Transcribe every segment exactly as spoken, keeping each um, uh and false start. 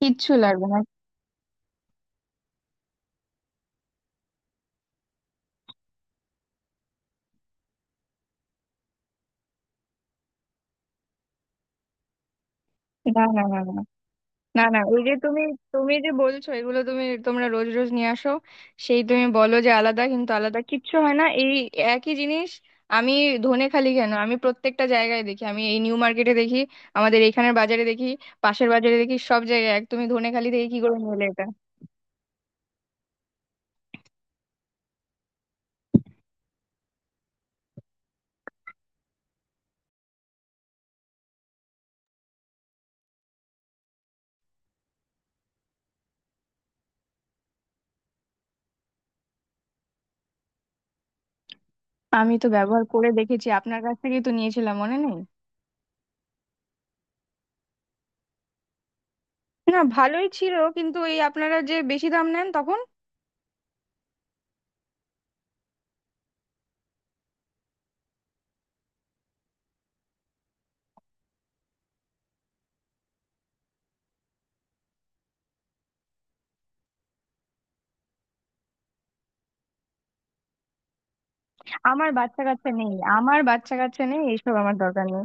কিচ্ছু লাগবে না। না না না না না না এই যে তুমি তুমি যে বলছো এগুলো তুমি তোমরা রোজ রোজ নিয়ে আসো, সেই তুমি বলো যে আলাদা, কিন্তু আলাদা কিচ্ছু হয় না। এই একই জিনিস। আমি ধনেখালি কেন, আমি প্রত্যেকটা জায়গায় দেখি, আমি এই নিউ মার্কেটে দেখি, আমাদের এখানের বাজারে দেখি, পাশের বাজারে দেখি, সব জায়গায় এক। তুমি ধনেখালি থেকে কি করে নিলে এটা? আমি তো ব্যবহার করে দেখেছি, আপনার কাছ থেকেই তো নিয়েছিলাম, মনে নেই? না, ভালোই ছিল, কিন্তু এই আপনারা যে বেশি দাম নেন তখন। আমার বাচ্চা কাচ্চা নেই, আমার বাচ্চা কাচ্চা নেই, এইসব আমার দরকার নেই।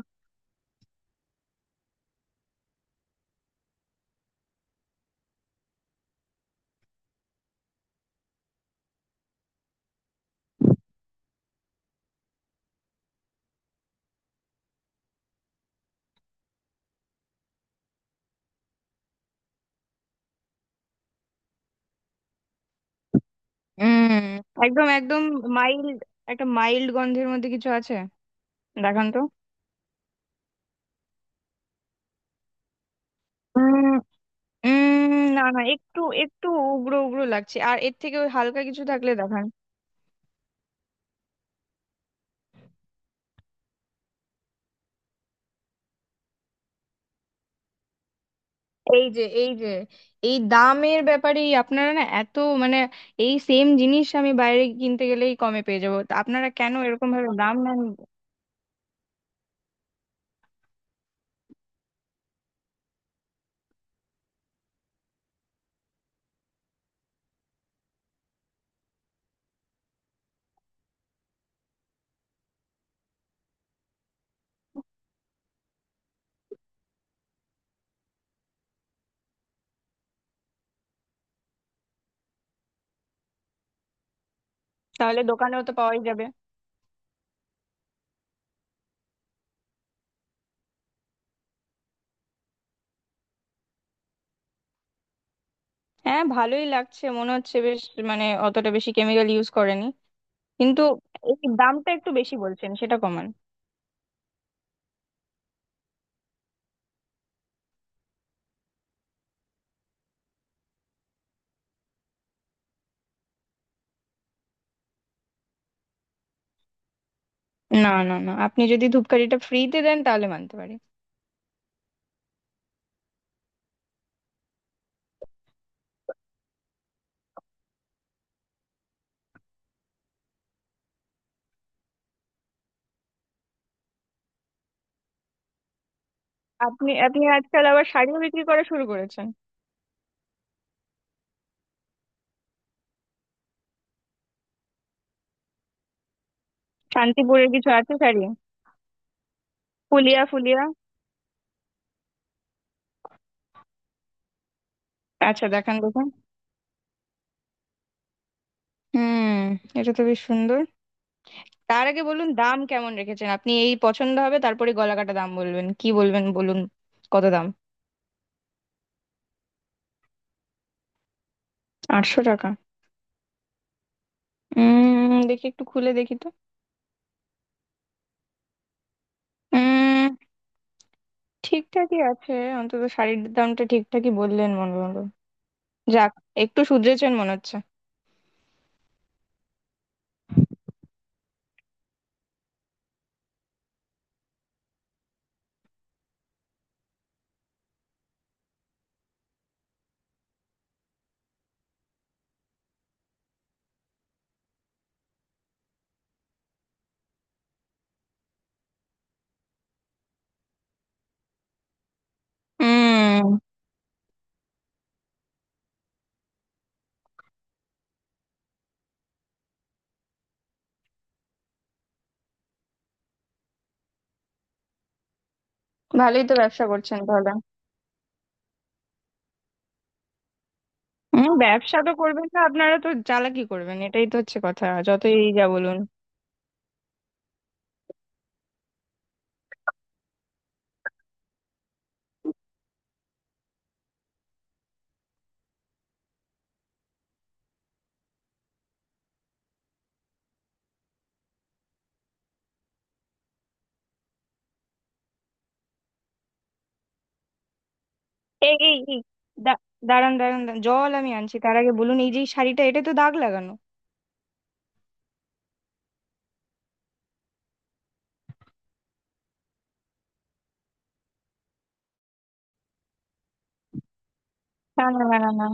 হুম, একদম একদম মাইল্ড, একটা মাইল্ড গন্ধের মধ্যে কিছু আছে। দেখান তো। উম, উম, না না, একটু একটু উগ্র উগ্র লাগছে, আর এর থেকে ওই হালকা কিছু থাকলে দেখান। এই যে এই যে এই দামের ব্যাপারে আপনারা না এত মানে এই সেম জিনিস আমি বাইরে কিনতে গেলেই কমে পেয়ে যাবো, তা আপনারা কেন এরকম ভাবে দাম নেন? তাহলে দোকানেও তো পাওয়াই যাবে। হ্যাঁ, ভালোই লাগছে, মনে হচ্ছে বেশ, মানে অতটা বেশি কেমিক্যাল ইউজ করেনি। কিন্তু এই দামটা একটু বেশি বলছেন, সেটা কমান। না না না, আপনি যদি ধূপকাঠিটা ফ্রিতে দেন তাহলে মানতে পারি। আপনি আপনি আজকাল আবার শাড়িও বিক্রি করা শুরু করেছেন? শান্তিপুরের কিছু আছে শাড়ি? ফুলিয়া, ফুলিয়া? আচ্ছা দেখান, দেখুন। হুম, এটা তো বেশ সুন্দর। তার আগে বলুন, দাম কেমন রেখেছেন আপনি? এই পছন্দ হবে, তারপরে গলাকাটা দাম বলবেন কি বলবেন, বলুন। কত দাম? আটশো টাকা? উম, দেখি একটু খুলে দেখি তো। উম, ঠিকঠাকই আছে। অন্তত শাড়ির দামটা ঠিকঠাকই বললেন মনে হলো। যাক, একটু শুধরেছেন মনে হচ্ছে। উম। ভালোই তো ব্যবসা করছেন তাহলে। হম, ব্যবসা তো করবেন না, আপনারা তো চালাকি করবেন, এটাই তো হচ্ছে কথা, যতই এই যা বলুন। এই এই এই দা- দাঁড়ান, দাঁড়ান, দাঁড়ান। জল আমি আনছি, তার আগে বলুন এই যে এই শাড়িটা, এটা তো দাগ লাগানো। না না না না না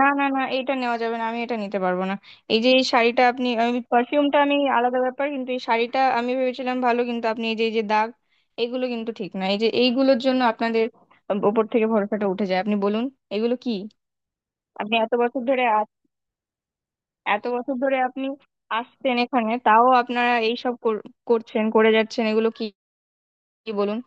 না না না এটা নেওয়া যাবে না, আমি এটা নিতে পারবো না। এই যে এই শাড়িটা, আপনি আমি পারফিউমটা আমি আলাদা ব্যাপার, কিন্তু এই শাড়িটা আমি ভেবেছিলাম ভালো, কিন্তু আপনি এই যে এই যে দাগ, এগুলো কিন্তু ঠিক না। এই যে এইগুলোর জন্য আপনাদের ওপর থেকে ভরসাটা উঠে যায়, আপনি বলুন, এগুলো কি? আপনি এত বছর ধরে, এত বছর ধরে আপনি আসছেন এখানে, তাও আপনারা এইসব কর- করছেন, করে যাচ্ছেন, এগুলো কি? কি বলুন।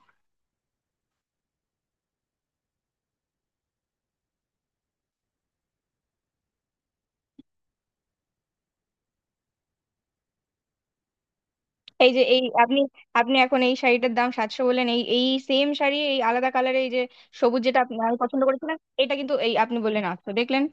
এই যে এই আপনি, আপনি এখন এই শাড়িটার দাম সাতশো বললেন, এই এই সেম শাড়ি এই আলাদা কালারে, এই যে সবুজ যেটা আপনি আমি পছন্দ করেছিলাম এটা, কিন্তু এই আপনি বললেন আটশো, দেখলেন?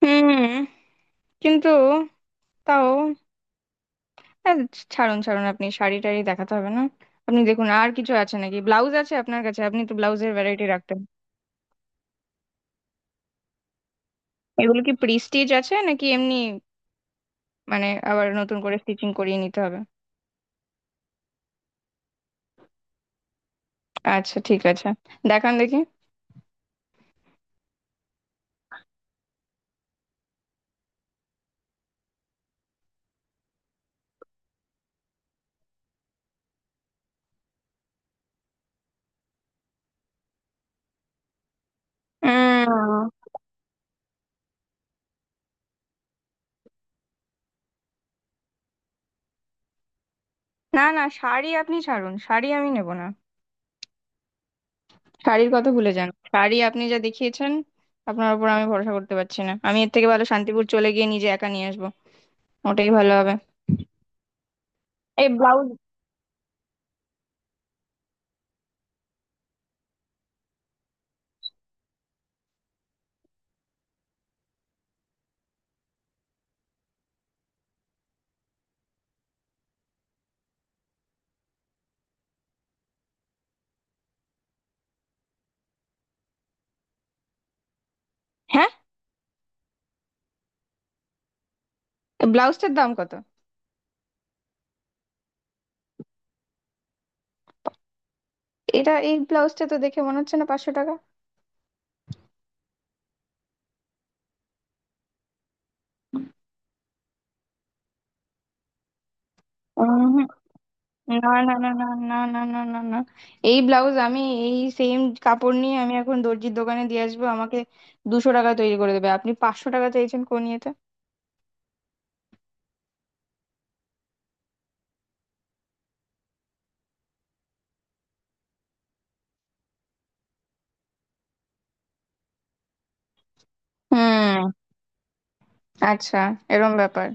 হুম, কিন্তু তাও আহ, ছাড়ুন ছাড়ুন, আপনি শাড়ি টাড়ি দেখাতে হবে না। আপনি দেখুন আর কিছু আছে নাকি, ব্লাউজ আছে আপনার কাছে? আপনি তো ব্লাউজের ভ্যারাইটি রাখতেন। এগুলো কি প্রিস্টিজ আছে নাকি এমনি, মানে আবার নতুন করে স্টিচিং করিয়ে নিতে হবে? আচ্ছা ঠিক আছে, দেখান দেখি। উম, না না, শাড়ি আপনি ছাড়ুন, শাড়ি আমি নেব না। শাড়ির কথা ভুলে যান। শাড়ি আপনি যা দেখিয়েছেন, আপনার উপর আমি ভরসা করতে পারছি না। আমি এর থেকে ভালো শান্তিপুর চলে গিয়ে নিজে একা নিয়ে আসবো, ওটাই ভালো হবে। এই ব্লাউজ, হ্যাঁ, এই ব্লাউজটার দাম কত? এটা, এই ব্লাউজটা তো দেখে মনে হচ্ছে না পাঁচশো টাকা। উম, না না না না না না না না না এই ব্লাউজ আমি, এই সেম কাপড় নিয়ে আমি এখন দর্জির দোকানে দিয়ে আসবো, আমাকে দুশো টাকা তৈরি করে দেবে, আপনি পাঁচশো টাকা চাইছেন কোন ইয়েতে? হুম। আচ্ছা, এরম ব্যাপার।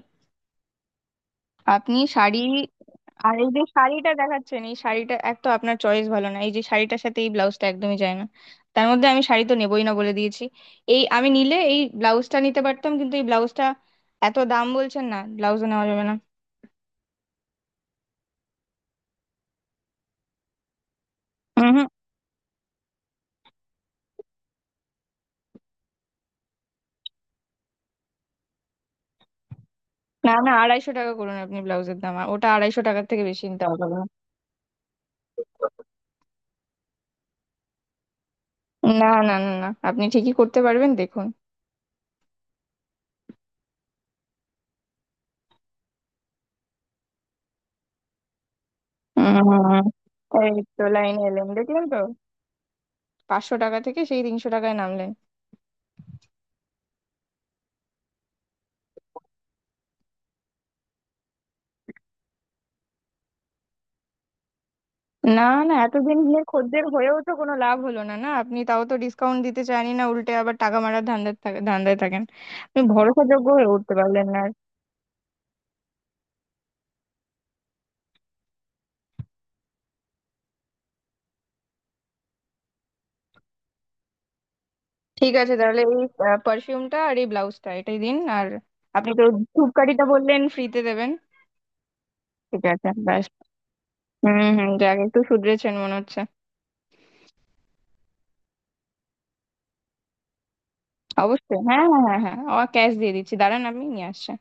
আপনি শাড়ি আর এই যে শাড়িটা দেখাচ্ছেন, এই শাড়িটা, এক তো আপনার চয়েস ভালো না, এই যে শাড়িটার সাথে এই ব্লাউজটা একদমই যায় না। তার মধ্যে আমি শাড়ি তো নেবই না বলে দিয়েছি। এই আমি নিলে এই ব্লাউজটা নিতে পারতাম, কিন্তু এই ব্লাউজটা এত দাম বলছেন, না, ব্লাউজও নেওয়া যাবে না। হুম, হুম। না না, আড়াইশো টাকা করুন আপনি ব্লাউজের দাম, আর ওটা আড়াইশো টাকার থেকে বেশি নিতে পারবো না। না না না না, আপনি ঠিকই করতে পারবেন, দেখুন। হুম, এই তো লাইনে এলেন, দেখলেন তো, পাঁচশো টাকা থেকে সেই তিনশো টাকায় নামলেন। না না, এতদিন নিয়ে খদ্দের হয়েও তো কোনো লাভ হলো না। না, আপনি তাও তো ডিসকাউন্ট দিতে চাইনি, না উল্টে আবার টাকা মারার ধান্দায় থাক- ধান্দায় থাকেন। আপনি ভরসাযোগ্য হয়ে উঠতে পারলেন না আর। ঠিক আছে, তাহলে এই পারফিউমটা আর এই ব্লাউজটা এটাই দিন। আর আপনি তো ধূপকাঠিটা বললেন ফ্রিতে দেবেন। ঠিক আছে, ব্যাস। হুম হুম, যাক, একটু শুধরেছেন মনে হচ্ছে। অবশ্যই, হ্যাঁ হ্যাঁ হ্যাঁ হ্যাঁ, ক্যাশ দিয়ে দিচ্ছি, দাঁড়ান আমি নিয়ে আসছি।